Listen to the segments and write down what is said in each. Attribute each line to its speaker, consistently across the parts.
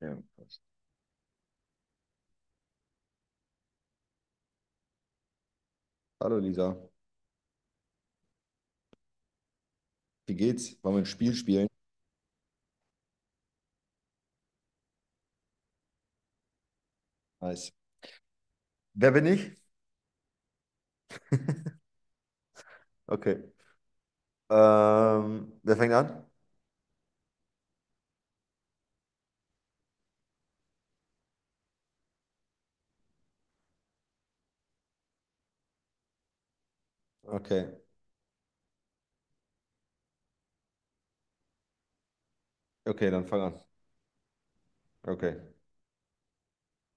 Speaker 1: Ja, passt. Hallo Lisa, wie geht's? Wollen wir ein Spiel spielen? Nice. Wer bin ich? Okay. Wer fängt an? Okay, okay, dann fang an. Okay,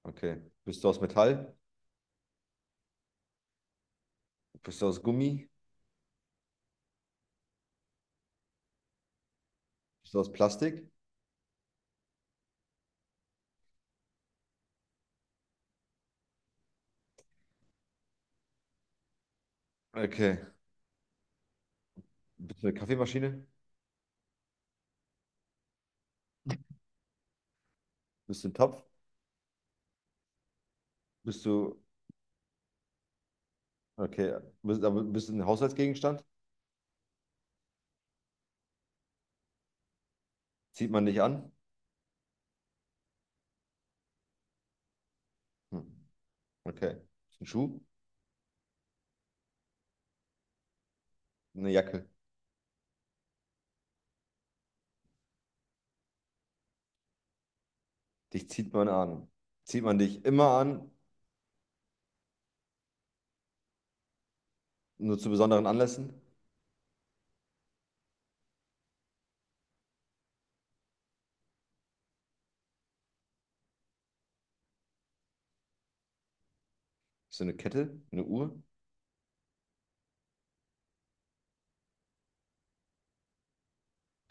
Speaker 1: okay. Bist du aus Metall? Bist du aus Gummi? Bist du aus Plastik? Okay. Bist du eine Kaffeemaschine? Bist du ein Topf? Bist du, okay, bist, aber bist du ein Haushaltsgegenstand? Zieht man dich an? Hm. Okay. Bist du ein Schuh? Eine Jacke. Dich zieht man an. Zieht man dich immer an, nur zu besonderen Anlässen? Bist du eine Kette? Eine Uhr?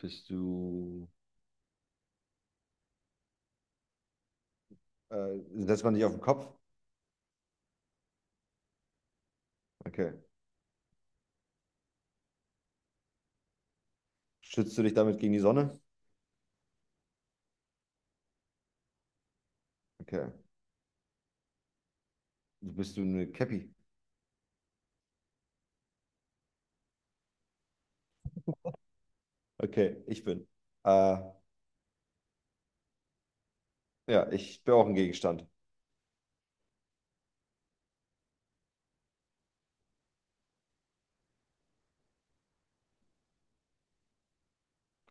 Speaker 1: Bist du. Äh, Setzt man dich auf den Kopf? Okay. Schützt du dich damit gegen die Sonne? Okay. Bist du eine Cappy? Okay, ich bin. Äh, ja, ich bin auch ein Gegenstand.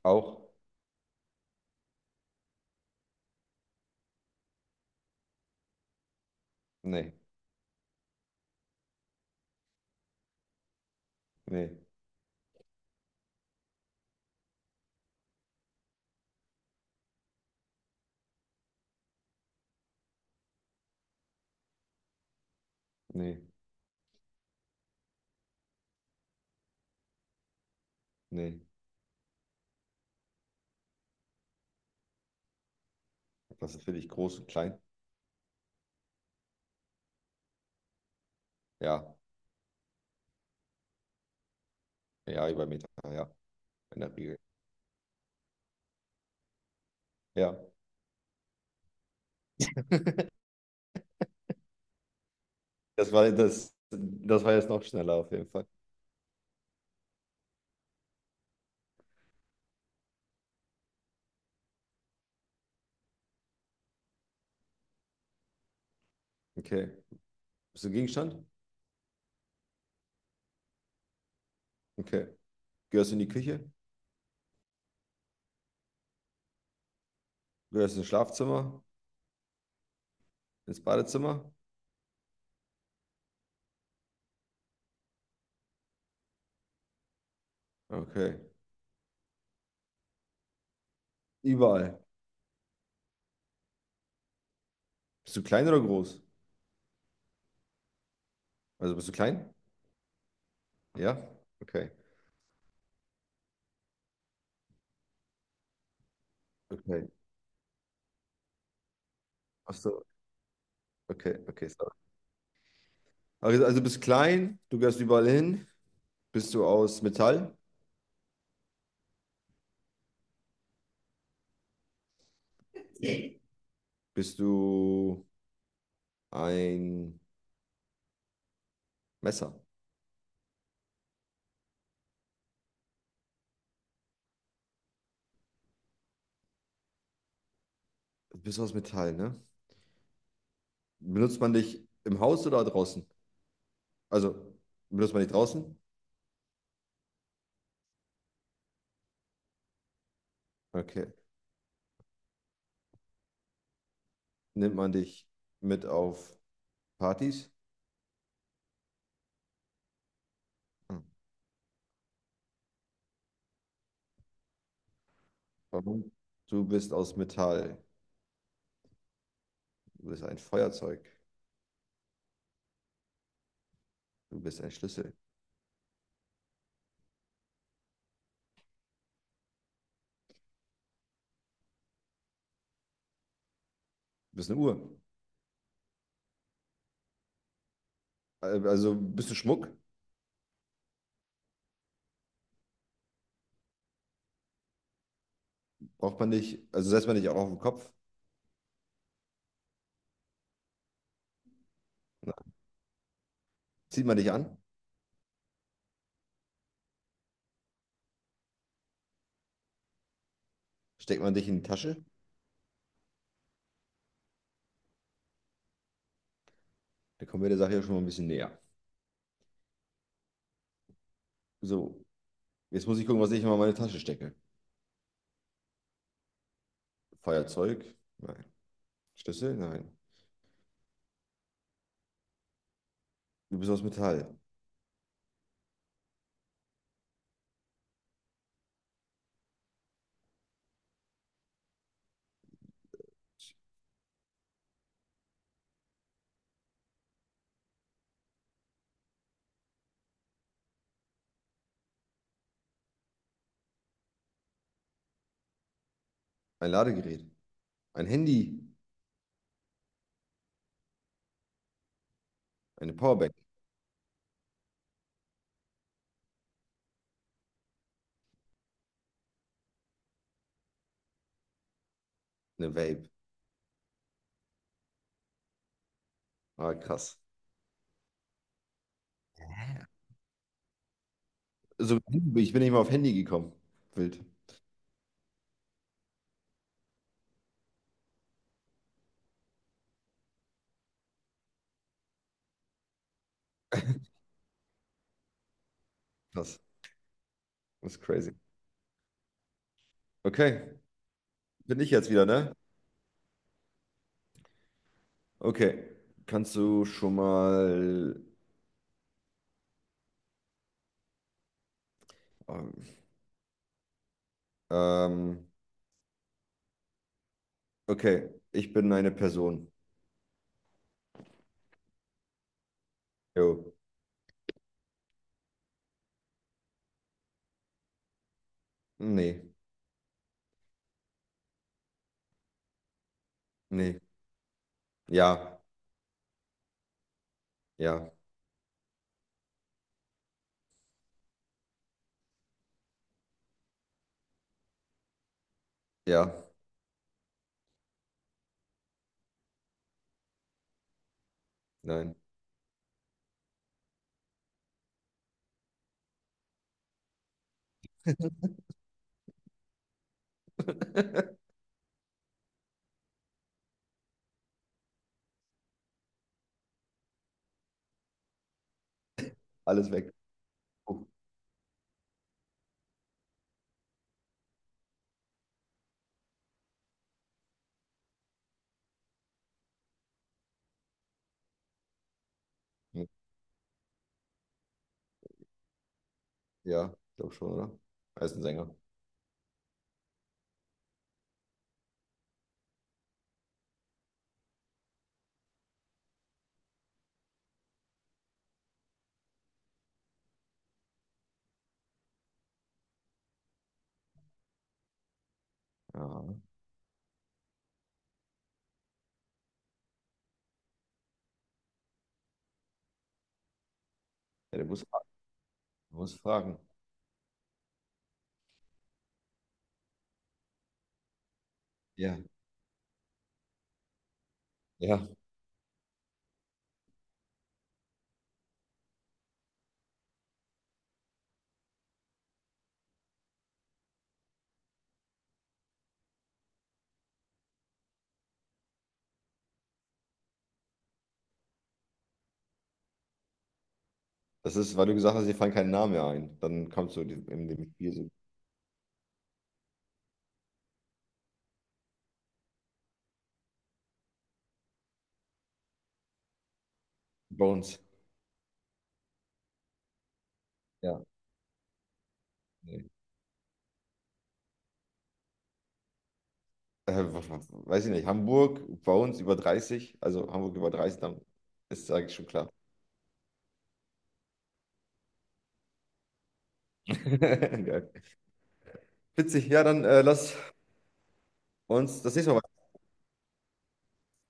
Speaker 1: Auch? Nee, nee, nee, nee. Was ist für dich groß und klein? Ja, ja, über einen Meter, ja, in der Regel. Ja, das war das, das war jetzt noch schneller auf jeden Fall. Okay. Bist du ein Gegenstand? Okay. Gehörst du in die Küche? Gehörst du ins Schlafzimmer? Ins Badezimmer? Okay. Überall. Bist du klein oder groß? Also bist du klein? Ja? Okay. Okay. Ach so. Okay, sorry. Also bist klein, du gehst überall hin. Bist du aus Metall? Bist du ein Messer? Bist du aus Metall, ne? Benutzt man dich im Haus oder draußen? Also, benutzt man dich draußen? Okay. Nimmt man dich mit auf Partys? Hm. Warum? Du bist aus Metall. Du bist ein Feuerzeug. Du bist ein Schlüssel. Du bist eine Uhr. Also ein bisschen Schmuck braucht man nicht, also setzt man nicht auch auf den Kopf, ne? Zieht man dich an, steckt man dich in die Tasche, dann kommen wir der Sache ja schon mal ein bisschen näher. So, jetzt muss ich gucken, was ich immer in meine Tasche stecke. Feuerzeug? Nein. Schlüssel? Nein. Du bist aus Metall. Ein Ladegerät. Ein Handy. Eine Powerbank. Eine Vape. Ah, krass. So, ich bin nicht mal auf Handy gekommen. Wild. Krass. Das ist crazy. Okay, bin ich jetzt wieder, ne? Okay. Kannst du schon mal ähm, Okay, ich bin eine Person. Jo. Nee, nee. Ja, ja, ja, nein. Alles weg. Ja, glaube schon, oder? Er ist ein Sänger. Ja. Ja, du musst, du musst fragen. Ja, ja. Das ist, weil du gesagt hast, dir fallen keine Namen mehr ein. Dann kommst du in dem Spiel so Bones. Ja, nee. Weiß ich nicht. Hamburg, Bones über 30. Also Hamburg über 30, dann ist eigentlich schon klar. Geil. Witzig. Ja, dann lass uns das nächste Mal. Weiter.